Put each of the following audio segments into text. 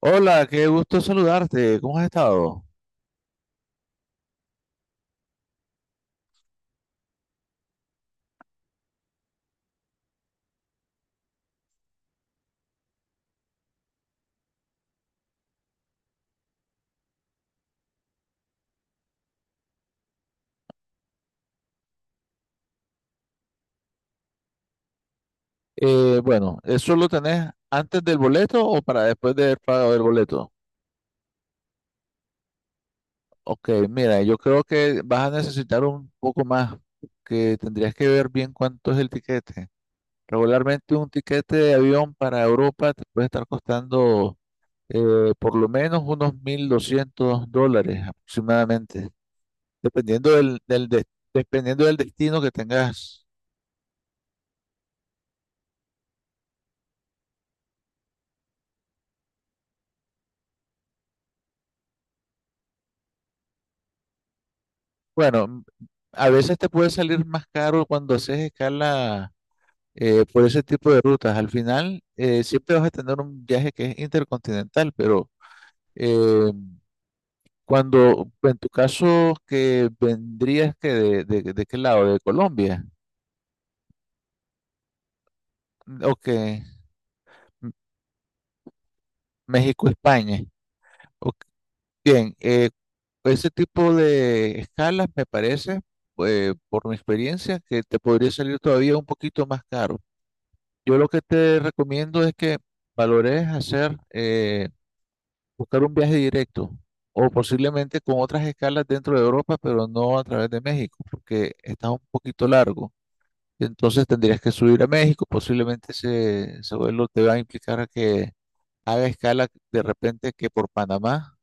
Hola, qué gusto saludarte. ¿Cómo has estado? Bueno, ¿eso lo tenés antes del boleto o para después del pago del boleto? Ok, mira, yo creo que vas a necesitar un poco más, que tendrías que ver bien cuánto es el tiquete. Regularmente un tiquete de avión para Europa te puede estar costando por lo menos unos $1.200 aproximadamente, dependiendo del, del des- dependiendo del destino que tengas. Bueno, a veces te puede salir más caro cuando haces escala por ese tipo de rutas. Al final, siempre vas a tener un viaje que es intercontinental, pero eh, cuando, en tu caso, que vendrías que de qué lado, de Colombia, o que México, España. Ok, bien, ese tipo de escalas me parece, por mi experiencia, que te podría salir todavía un poquito más caro. Yo lo que te recomiendo es que valores hacer, buscar un viaje directo o posiblemente con otras escalas dentro de Europa, pero no a través de México, porque está un poquito largo. Entonces tendrías que subir a México, posiblemente ese vuelo te va a implicar a que haga escala de repente que por Panamá,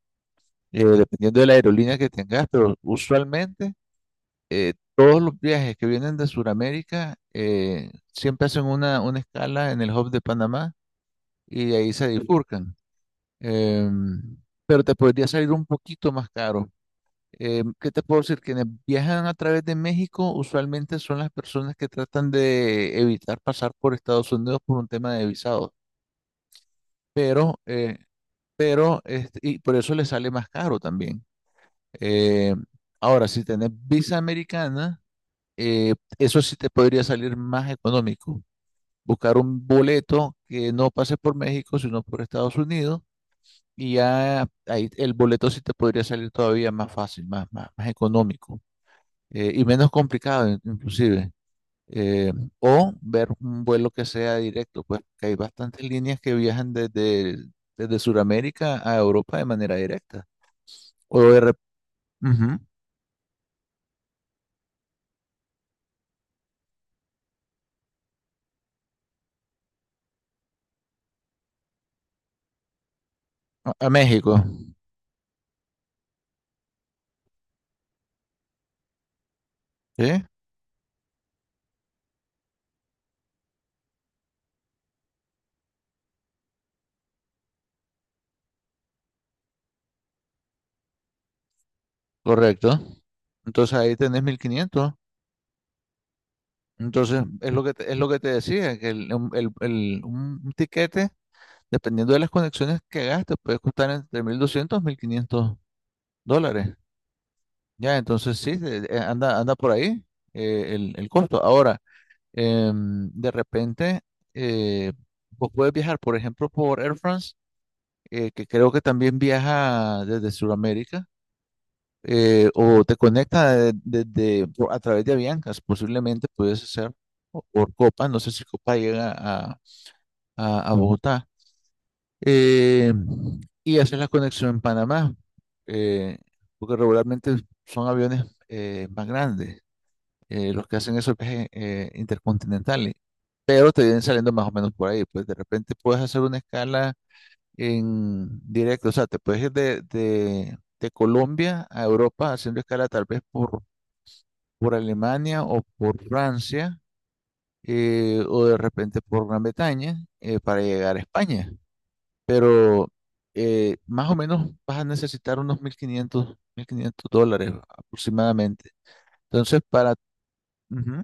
dependiendo de la aerolínea que tengas, pero usualmente todos los viajes que vienen de Sudamérica siempre hacen una escala en el hub de Panamá y de ahí se bifurcan. Em, pero te podría salir un poquito más caro. ¿Qué te puedo decir? Quienes viajan a través de México usualmente son las personas que tratan de evitar pasar por Estados Unidos por un tema de visado, pero, eh, pero y por eso les sale más caro también. Eh, ahora, si tenés visa americana, eso sí te podría salir más económico. Buscar un boleto que no pase por México, sino por Estados Unidos. Y ya ahí el boleto sí te podría salir todavía más fácil, más económico y menos complicado inclusive. Eh, o ver un vuelo que sea directo, pues que hay bastantes líneas que viajan desde Sudamérica a Europa de manera directa. O de rep- Ujú, a México, ¿sí? Correcto. Entonces ahí tenés 1.500. Entonces es lo que te decía, que el- un tiquete. Dependiendo de las conexiones que gastes, puede costar entre 1.200 y 1.500 dólares. Ya, entonces sí, anda por ahí el costo. Ahora, de repente, eh, vos puedes viajar, por ejemplo, por Air France, que creo que también viaja desde Sudamérica, o te conecta a través de Aviancas, posiblemente puedes hacer, o por Copa, no sé si Copa llega a, Bogotá. eh, y haces la conexión en Panamá, eh, porque regularmente son aviones más grandes, los que hacen esos viajes intercontinentales, pero te vienen saliendo más o menos por ahí, pues de repente puedes hacer una escala en directo, o sea, te puedes ir de, de Colombia a Europa haciendo escala tal vez por Alemania o por Francia, o de repente por Gran Bretaña, para llegar a España. Pero, más o menos vas a necesitar unos mil quinientos dólares aproximadamente. Entonces, para. Ujú,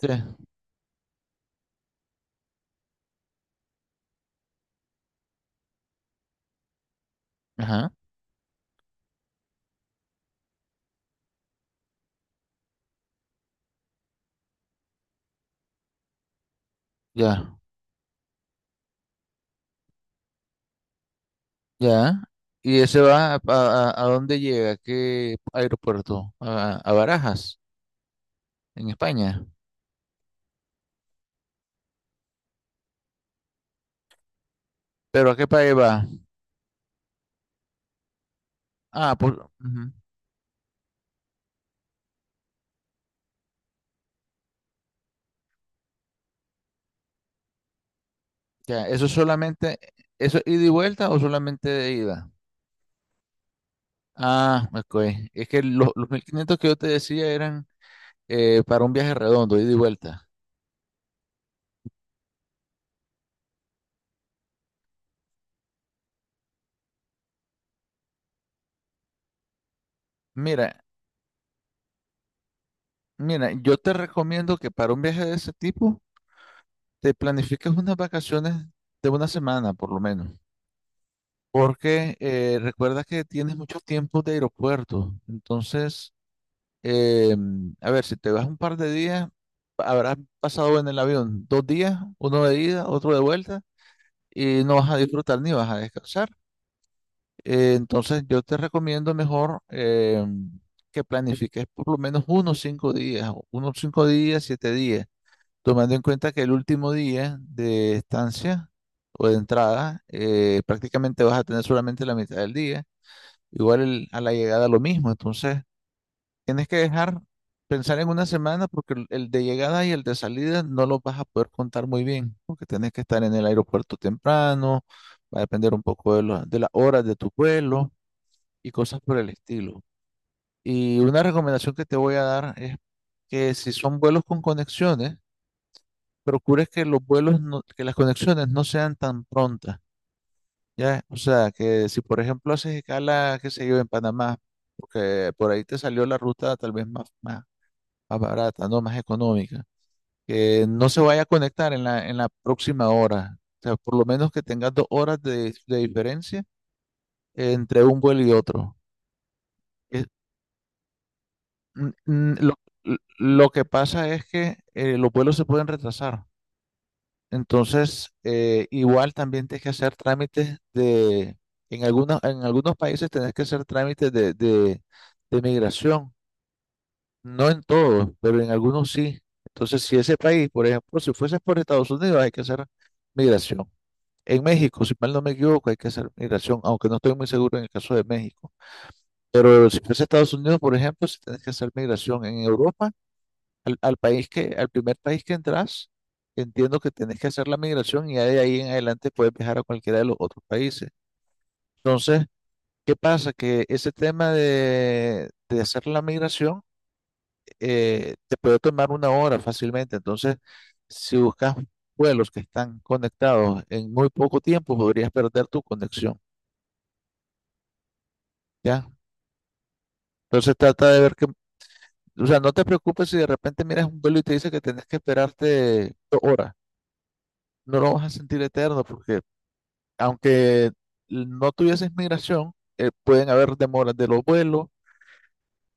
sí, ajá, ya, ya. ¿Y ese va a dónde llega? ¿A qué aeropuerto? A Barajas, en España. ¿Pero a qué país va? Ah, pues. Ujú, ya, eso solamente. ¿Eso es ida y vuelta o solamente de ida? Ah, ok. Es que los 1.500 que yo te decía eran para un viaje redondo, ida y vuelta. Mira, Mira, yo te recomiendo que para un viaje de ese tipo te planifiques unas vacaciones de una semana por lo menos, porque recuerda que tienes mucho tiempo de aeropuerto. Entonces, eh, a ver, si te vas un par de días, habrás pasado en el avión 2 días, uno de ida, otro de vuelta, y no vas a disfrutar ni vas a descansar. Entonces, yo te recomiendo mejor que planifiques por lo menos unos cinco días, 7 días tomando en cuenta que el último día de estancia o de entrada, prácticamente vas a tener solamente la mitad del día, igual a la llegada lo mismo, entonces tienes que dejar pensar en una semana porque el de llegada y el de salida no los vas a poder contar muy bien, porque tienes que estar en el aeropuerto temprano, va a depender un poco de las horas de tu vuelo y cosas por el estilo. Y una recomendación que te voy a dar es que si son vuelos con conexiones, procures que los vuelos, no- que las conexiones no sean tan prontas, ¿ya? O sea, que si por ejemplo haces escala, qué sé yo, en Panamá, porque por ahí te salió la ruta tal vez más barata, ¿no? Más económica, que no se vaya a conectar en la próxima hora, o sea, por lo menos que tengas 2 horas de diferencia entre un vuelo y otro. Es- mm, mm, lo, lo que pasa es que los vuelos se pueden retrasar. Entonces, igual también tienes que hacer trámites de, en algunos países tenés que hacer trámites de migración. No en todos, pero en algunos sí. Entonces, si ese país, por ejemplo, si fueses por Estados Unidos, hay que hacer migración. En México, si mal no me equivoco, hay que hacer migración, aunque no estoy muy seguro en el caso de México. Pero si fuese Estados Unidos, por ejemplo, si tienes que hacer migración en Europa al país que, al primer país que entras, entiendo que tenés que hacer la migración y ya de ahí en adelante puedes viajar a cualquiera de los otros países. Entonces, ¿qué pasa? Que ese tema de hacer la migración te puede tomar una hora fácilmente. Entonces, si buscas vuelos que están conectados en muy poco tiempo, podrías perder tu conexión, ¿ya? Entonces, trata de ver que, o sea, no te preocupes si de repente miras un vuelo y te dice que tenés que esperarte 2 horas. No lo vas a sentir eterno porque aunque no tuvieses migración, pueden haber demoras de los vuelos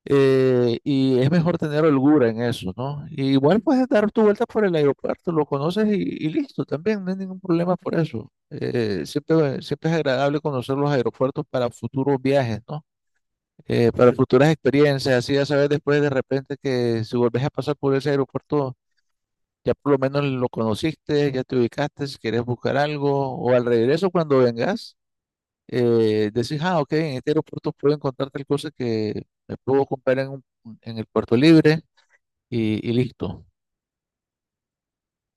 y es mejor tener holgura en eso, ¿no? Y igual puedes dar tu vuelta por el aeropuerto, lo conoces y listo, también no hay ningún problema por eso. Siempre, siempre es agradable conocer los aeropuertos para futuros viajes, ¿no? Para futuras experiencias, así ya sabes después de repente que si volvés a pasar por ese aeropuerto, ya por lo menos lo conociste, ya te ubicaste, si quieres buscar algo, o al regreso cuando vengas decís, ah, ok, en este aeropuerto puedo encontrar tal cosa que me puedo comprar en el puerto libre y listo.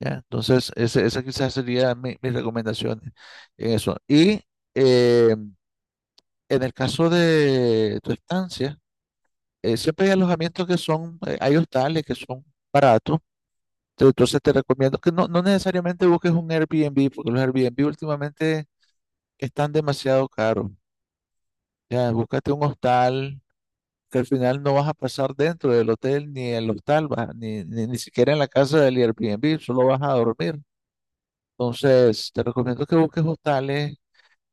¿Ya? Entonces, esa quizás sería mis recomendaciones en eso. Y eh, en el caso de tu estancia, siempre hay alojamientos que son, hay hostales que son baratos. Entonces te recomiendo que no, no necesariamente busques un Airbnb, porque los Airbnb últimamente están demasiado caros. Ya, búscate un hostal que al final no vas a pasar dentro del hotel, ni en el hostal, ni, ni, ni siquiera en la casa del Airbnb, solo vas a dormir. Entonces, te recomiendo que busques hostales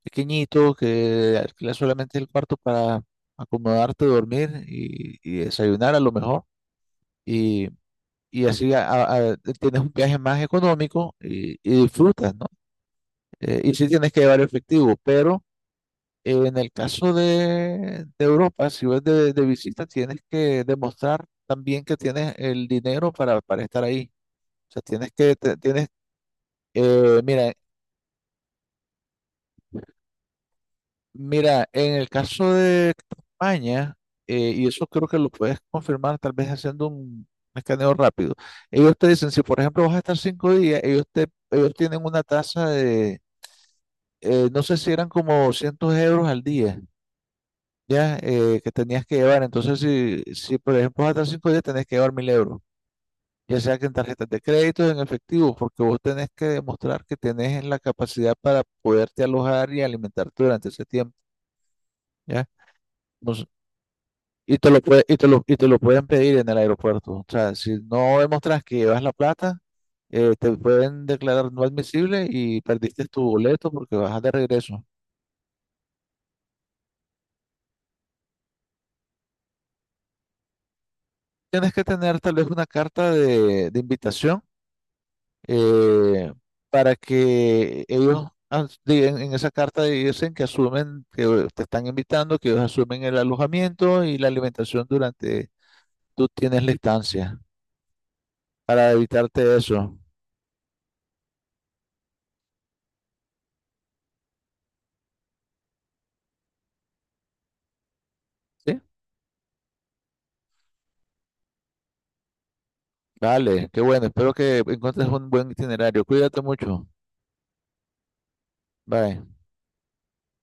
pequeñitos, que alquiles solamente el cuarto para acomodarte, dormir y desayunar a lo mejor. Y, y así tienes un viaje más económico y disfrutas, ¿no? Y sí tienes que llevar efectivo, pero. En el caso de Europa, si vas de visita, tienes que demostrar también que tienes el dinero para estar ahí. O sea, tienes que, tienes, eh, mira, mira, en el caso de España, y eso creo que lo puedes confirmar tal vez haciendo un escaneo rápido. Ellos te dicen, si por ejemplo vas a estar 5 días, ellos tienen una tasa de, no sé si eran como 200 € al día. Ya, que tenías que llevar. Entonces, si por ejemplo hasta 5 días, tenés que llevar mil euros, ya sea que en tarjetas de crédito o en efectivo, porque vos tenés que demostrar que tenés la capacidad para poderte alojar y alimentarte durante ese tiempo, ¿ya? Entonces, y te lo pueden pedir en el aeropuerto. O sea, si no demostrás que llevas la plata, te pueden declarar no admisible y perdiste tu boleto porque bajas de regreso. Tienes que tener tal vez una carta de invitación eh, para que ellos en esa carta dicen que asumen que te están invitando, que ellos asumen el alojamiento y la alimentación durante tú tienes la estancia, para evitarte eso. ¿Sí? Vale, qué bueno. Espero que encuentres un buen itinerario. Cuídate mucho. Bye.